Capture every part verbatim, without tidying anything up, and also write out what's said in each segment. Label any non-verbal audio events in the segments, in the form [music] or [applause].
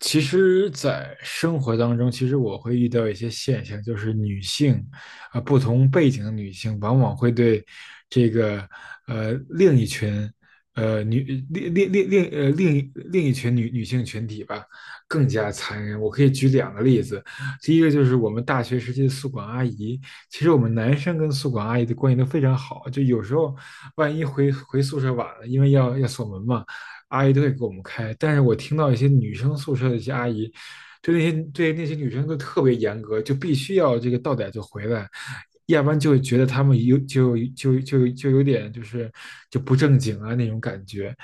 其实，在生活当中，其实我会遇到一些现象，就是女性，啊、不同背景的女性，往往会对这个呃另一群呃女另另另另呃另一另一群女女性群体吧，更加残忍。我可以举两个例子，第一个就是我们大学时期的宿管阿姨，其实我们男生跟宿管阿姨的关系都非常好，就有时候万一回回宿舍晚了，因为要要锁门嘛。阿姨都会给我们开。但是我听到一些女生宿舍的一些阿姨，对那些对那些女生都特别严格，就必须要这个到点就回来，要不然就会觉得她们有就就就就有点就是就不正经啊那种感觉。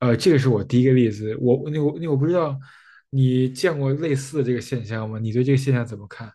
呃，这个是我第一个例子。我那我那我不知道你见过类似的这个现象吗？你对这个现象怎么看？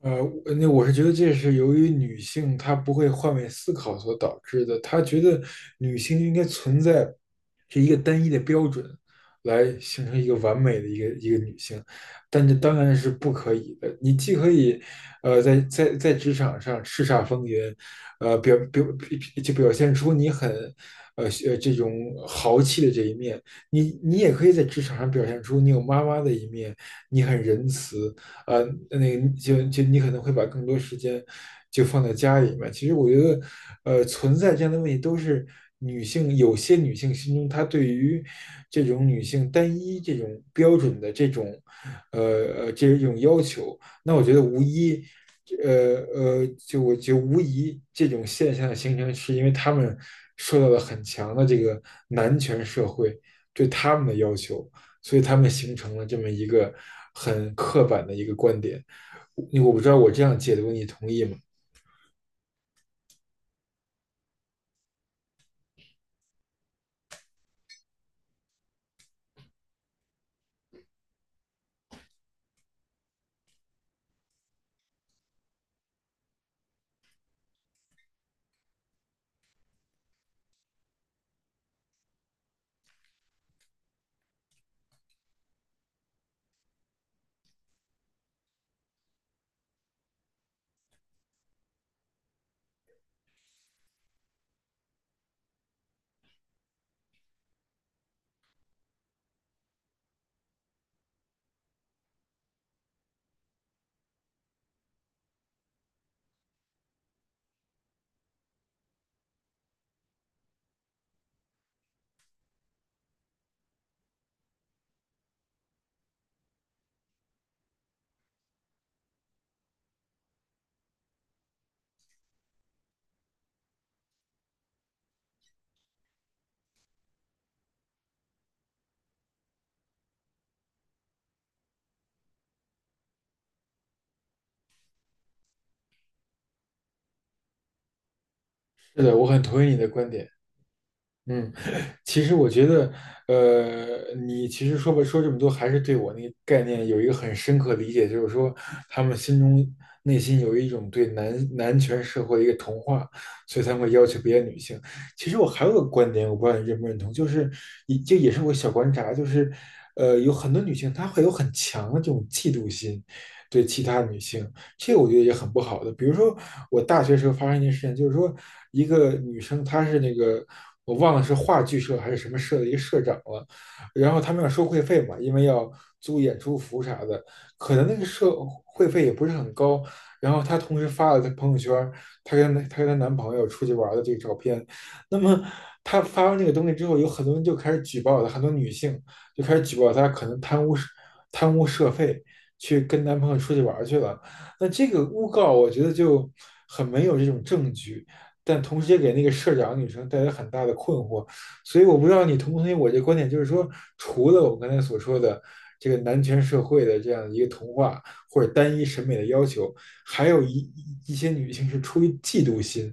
呃，我那我是觉得这是由于女性她不会换位思考所导致的。她觉得女性就应该存在是一个单一的标准，来形成一个完美的一个一个女性，但这当然是不可以的。你既可以，呃，在在在职场上叱咤风云，呃，表表就表现出你很，呃呃这种豪气的这一面，你你也可以在职场上表现出你有妈妈的一面，你很仁慈，呃，那个就就你可能会把更多时间就放在家里面。其实我觉得，呃，存在这样的问题都是女性有些女性心中她对于这种女性单一这种标准的这种呃呃这种要求。那我觉得无疑，呃呃，就我觉得无疑这种现象的形成，是因为他们受到了很强的这个男权社会对他们的要求。所以他们形成了这么一个很刻板的一个观点。你我不知道我这样解读你同意吗？是的，我很同意你的观点。嗯，其实我觉得，呃，你其实说吧，说这么多，还是对我那个概念有一个很深刻的理解，就是说，他们心中内心有一种对男男权社会的一个同化，所以才会要求别的女性。其实我还有个观点，我不知道你认不认同，就是也这也是我小观察，就是呃，有很多女性她会有很强的这种嫉妒心，对其他女性，这个我觉得也很不好的。比如说，我大学时候发生一件事情，就是说一个女生，她是那个我忘了是话剧社还是什么社的一个社长了，然后他们要收会费嘛，因为要租演出服啥的，可能那个社会费也不是很高。然后她同时发了她朋友圈，她跟她跟她男朋友出去玩的这个照片。那么她发完这个东西之后，有很多人就开始举报她，很多女性就开始举报她可能贪污贪污社费，去跟男朋友出去玩去了。那这个诬告，我觉得就很没有这种证据，但同时也给那个社长女生带来很大的困惑。所以我不知道你同不同意我这观点，就是说，除了我刚才所说的这个男权社会的这样一个童话或者单一审美的要求，还有一一些女性是出于嫉妒心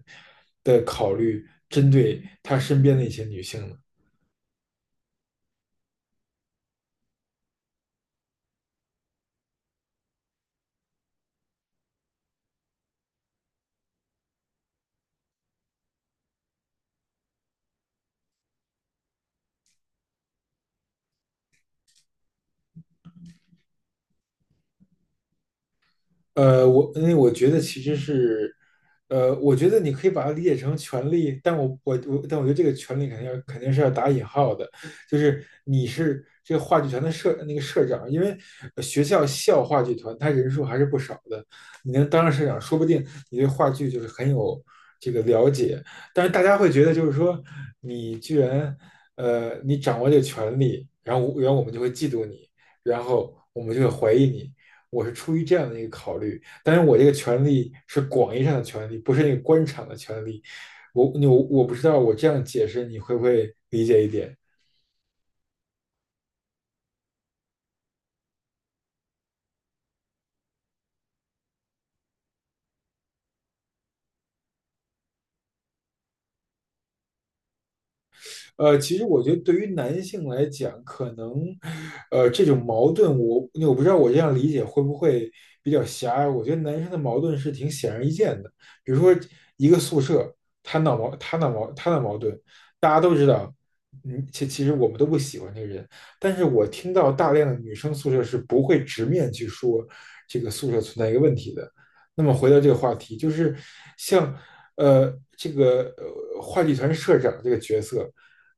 的考虑，针对她身边的一些女性的。呃，我因为我觉得其实是，呃，我觉得你可以把它理解成权利，但我我我，但我觉得这个权利肯定要肯定是要打引号的，就是你是这个话剧团的社那个社长，因为呃学校校话剧团他人数还是不少的，你能当上社长，说不定你对话剧就是很有这个了解，但是大家会觉得就是说你居然呃你掌握这个权利，然后我然后我们就会嫉妒你，然后我们就会怀疑你。我是出于这样的一个考虑，但是我这个权利是广义上的权利，不是那个官场的权利。我我我不知道我这样解释你会不会理解一点？呃，其实我觉得对于男性来讲，可能，呃，这种矛盾我，我不知道我这样理解会不会比较狭隘。我觉得男生的矛盾是挺显而易见的，比如说一个宿舍，他闹矛，他闹矛，他闹矛盾，大家都知道，嗯，其其实我们都不喜欢这个人，但是我听到大量的女生宿舍是不会直面去说这个宿舍存在一个问题的。那么回到这个话题，就是像呃这个呃话剧团社长这个角色。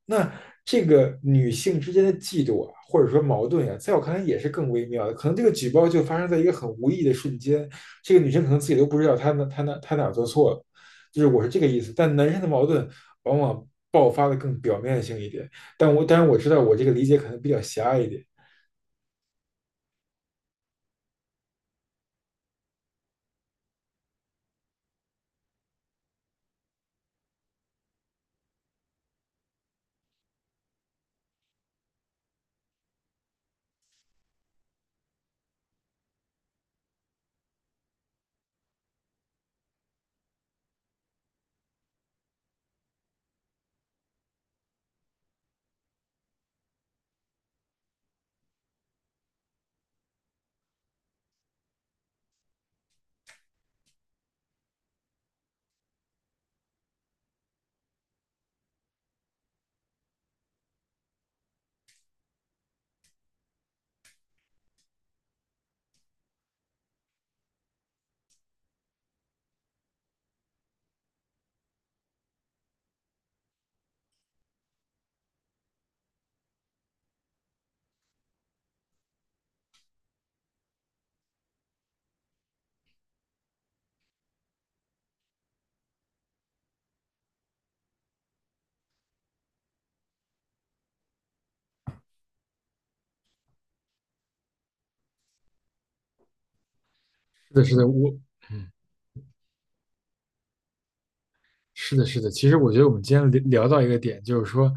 那这个女性之间的嫉妒啊，或者说矛盾啊，在我看来也是更微妙的。可能这个举报就发生在一个很无意的瞬间，这个女生可能自己都不知道她哪她哪她哪做错了，就是我是这个意思。但男生的矛盾往往爆发的更表面性一点，但我当然我知道我这个理解可能比较狭隘一点。是的，是的，我嗯。是的，是的。其实我觉得我们今天聊聊到一个点，就是说，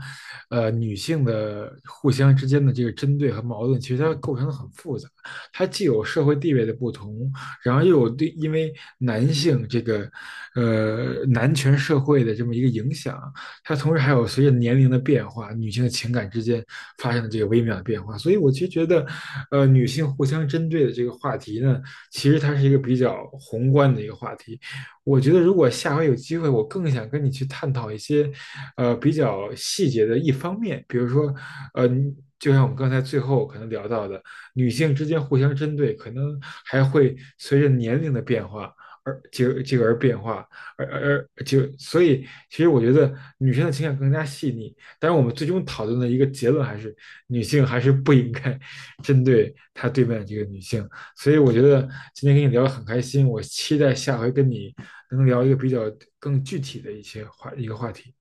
呃，女性的互相之间的这个针对和矛盾，其实它构成的很复杂。它既有社会地位的不同，然后又有对因为男性这个，呃，男权社会的这么一个影响，它同时还有随着年龄的变化，女性的情感之间发生的这个微妙的变化。所以我其实觉得，呃，女性互相针对的这个话题呢，其实它是一个比较宏观的一个话题。我觉得如果下回有机会，我更想跟你去探讨一些，呃，比较细节的一方面，比如说，呃，就像我们刚才最后可能聊到的，女性之间互相针对，可能还会随着年龄的变化而这这个而变化，而而而就所以，其实我觉得女生的情感更加细腻。但是我们最终讨论的一个结论还是，女性还是不应该 [laughs] 针对她对面的这个女性。所以我觉得今天跟你聊得很开心，我期待下回跟你能聊一个比较更具体的一些话一个话题。